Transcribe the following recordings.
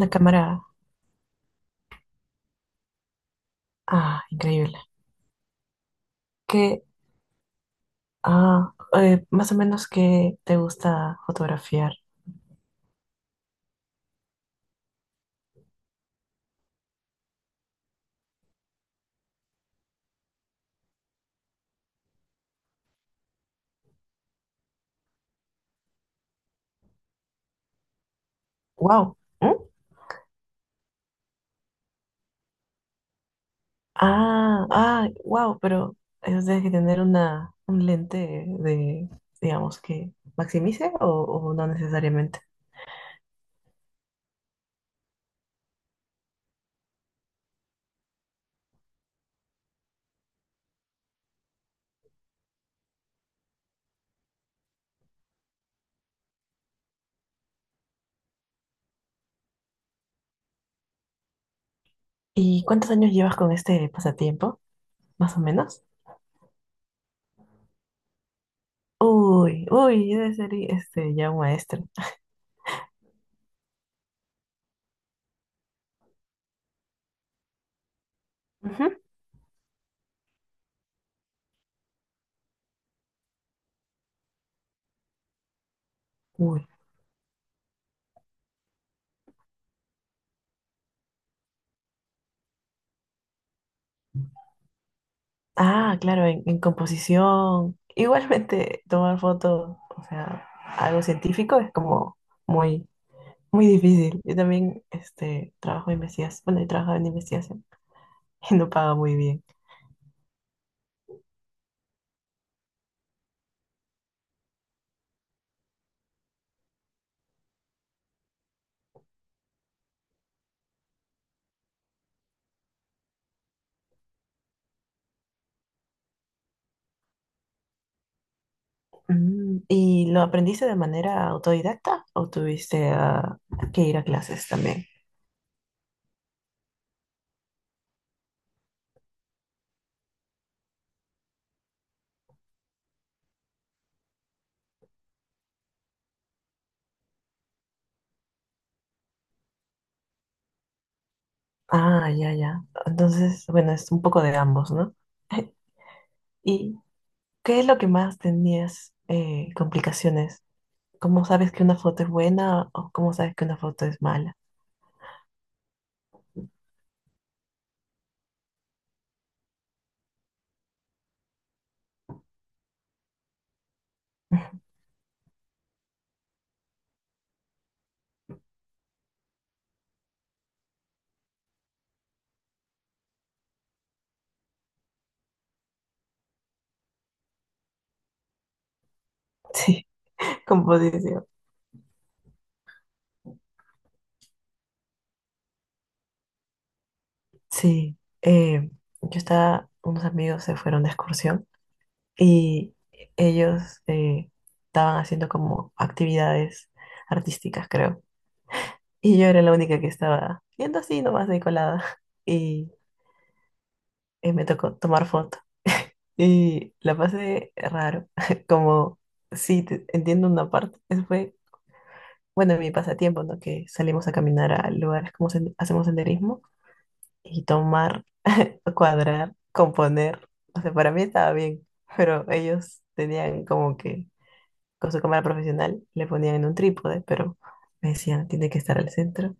Una cámara, ah, increíble. ¿Qué, Más o menos, ¿qué te gusta fotografiar? Wow. Ah, ah, wow, pero eso tienes que tener un lente de, digamos, que maximice o no necesariamente. ¿Y cuántos años llevas con este pasatiempo, más o menos? Uy, debe ser ya un maestro. Ujú. Ah, claro, en composición. Igualmente, tomar fotos, o sea, algo científico es como muy, muy difícil. Yo también, trabajo en investigación, bueno, he trabajado en investigación. No paga muy bien. Mm, ¿y lo aprendiste de manera autodidacta o tuviste que ir a clases también? Ah, ya, ya. Entonces, bueno, es un poco de ambos, ¿no? ¿Y qué es lo que más tenías, complicaciones? ¿Cómo sabes que una foto es buena o cómo sabes que una foto es mala? Sí, composición. Sí, eh, yo estaba, unos amigos se fueron de excursión. Y ellos, estaban haciendo como actividades artísticas, creo. Y yo era la única que estaba viendo así nomás de colada y me tocó tomar foto. Y la pasé raro, como sí, entiendo una parte. Eso fue, bueno, mi pasatiempo, ¿no? Que salimos a caminar a lugares como hacemos senderismo y tomar, cuadrar, componer. O sea, para mí estaba bien, pero ellos tenían como que con su cámara profesional, le ponían en un trípode, pero me decían, tiene que estar al centro,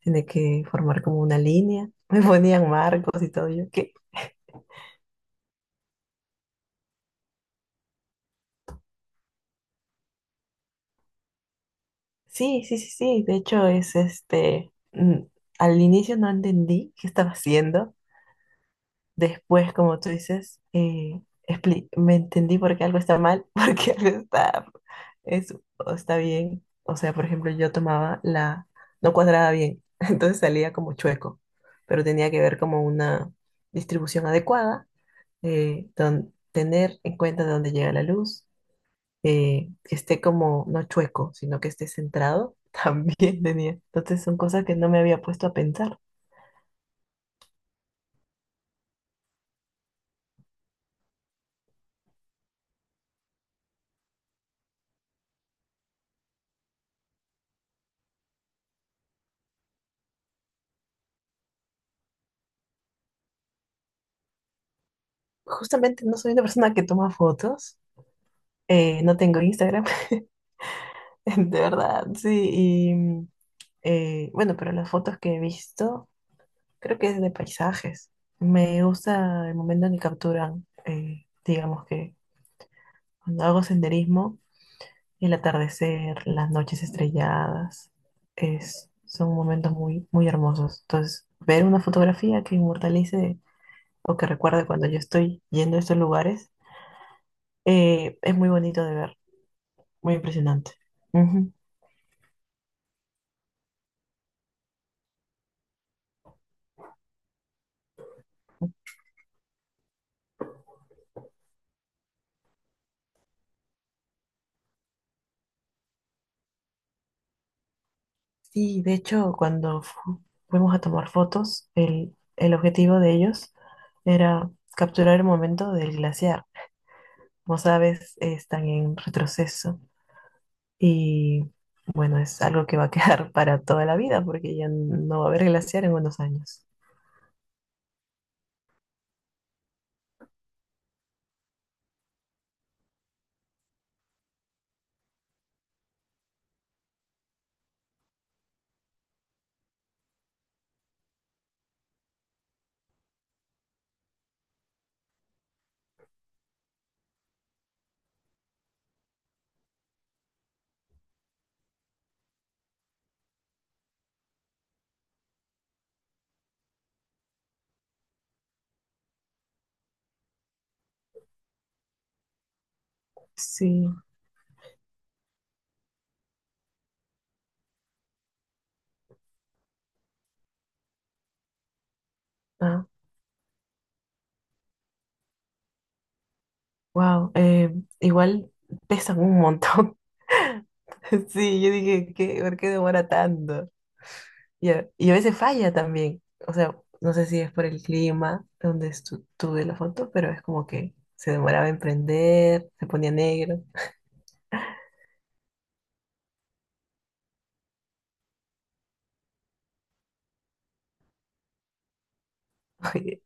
tiene que formar como una línea. Me ponían marcos y todo. Yo, que sí, sí, sí, sí. De hecho, es mm, al inicio no entendí qué estaba haciendo. Después, como tú dices, me entendí por qué algo está mal, por qué algo está, es, o está bien. O sea, por ejemplo, yo tomaba la, no cuadraba bien, entonces salía como chueco, pero tenía que ver como una distribución adecuada, tener en cuenta de dónde llega la luz, que esté como, no chueco, sino que esté centrado, también tenía. Entonces son cosas que no me había puesto a pensar. Justamente no soy una persona que toma fotos. No tengo Instagram, de verdad, sí. Y mm, bueno, pero las fotos que he visto, creo que es de paisajes. Me gusta el momento en que capturan, digamos que cuando hago senderismo, el atardecer, las noches estrelladas, es, son momentos muy hermosos. Entonces, ver una fotografía que inmortalice o que recuerde cuando yo estoy yendo a estos lugares, es muy bonito de ver, muy impresionante. Sí, de hecho, cuando fuimos a tomar fotos, el objetivo de ellos era capturar el momento del glaciar. Como sabes, están en retroceso y bueno, es algo que va a quedar para toda la vida porque ya no va a haber glaciar en unos años. Sí, ah, wow, igual pesan un montón. Sí, yo dije, ¿qué? ¿Por qué demora tanto? Y a veces falla también. O sea, no sé si es por el clima donde estuve la foto, pero es como que se demoraba en prender, se ponía negro. Oye,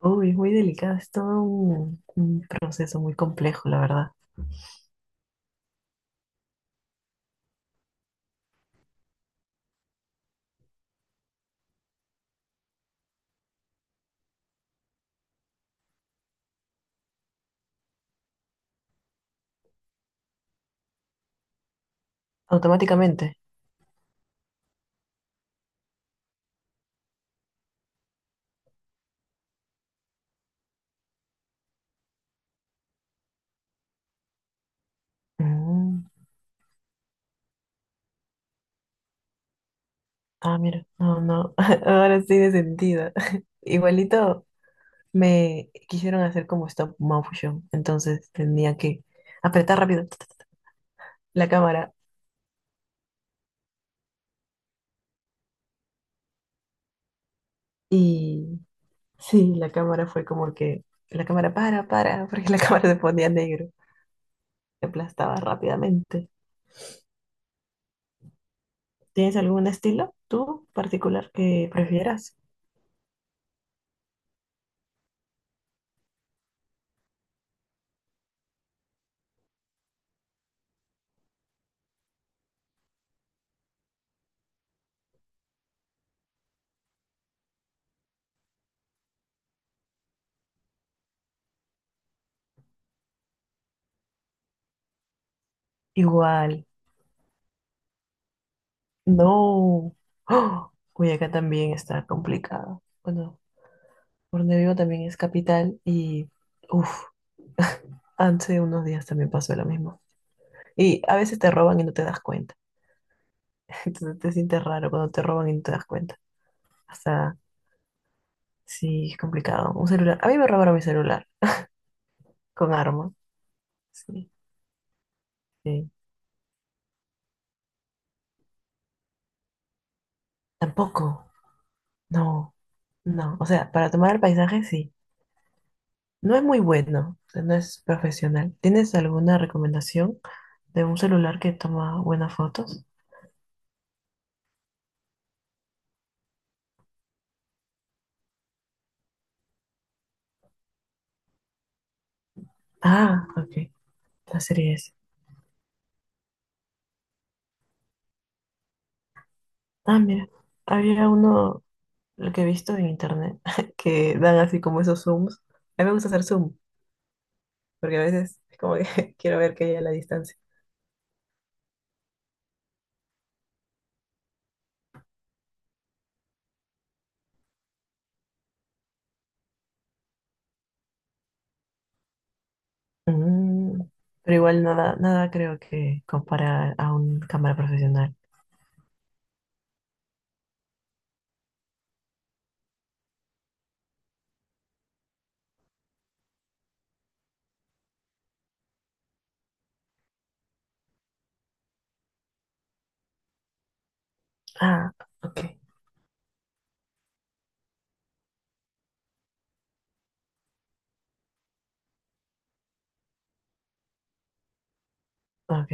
uy, es muy delicado, es todo un proceso muy complejo, la verdad. Automáticamente. Mm. Ah, mira, no, no, ahora sí de sentido. Igualito me quisieron hacer como stop motion, entonces tenía que apretar rápido la cámara. Y sí, la cámara fue como que la cámara para, porque la cámara se ponía negro, se aplastaba rápidamente. ¿Tienes algún estilo tú particular que prefieras? Igual, no. ¡Oh! Uy, también está complicado. Bueno, por donde vivo también es capital y uff, hace unos días también pasó lo mismo. Y a veces te roban y no te das cuenta. Entonces te sientes raro cuando te roban y no te das cuenta. O sea, sí, es complicado. Un celular. A mí me robaron mi celular. Con armas, sí, sí. Tampoco, no, no. O sea, para tomar el paisaje, sí. No es muy bueno, o sea, no es profesional. ¿Tienes alguna recomendación de un celular que toma buenas fotos? Ah, ok, la serie es. Ah, mira, había uno, lo que he visto en internet, que dan así como esos zooms. A mí me gusta hacer zoom, porque a veces es como que quiero ver qué hay a la distancia. Mm, pero igual nada creo que compara a una cámara profesional. Ah, ok, ok.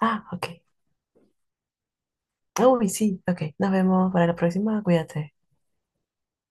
Ah, ok. Uy, sí, ok. Nos vemos para la próxima. Cuídate.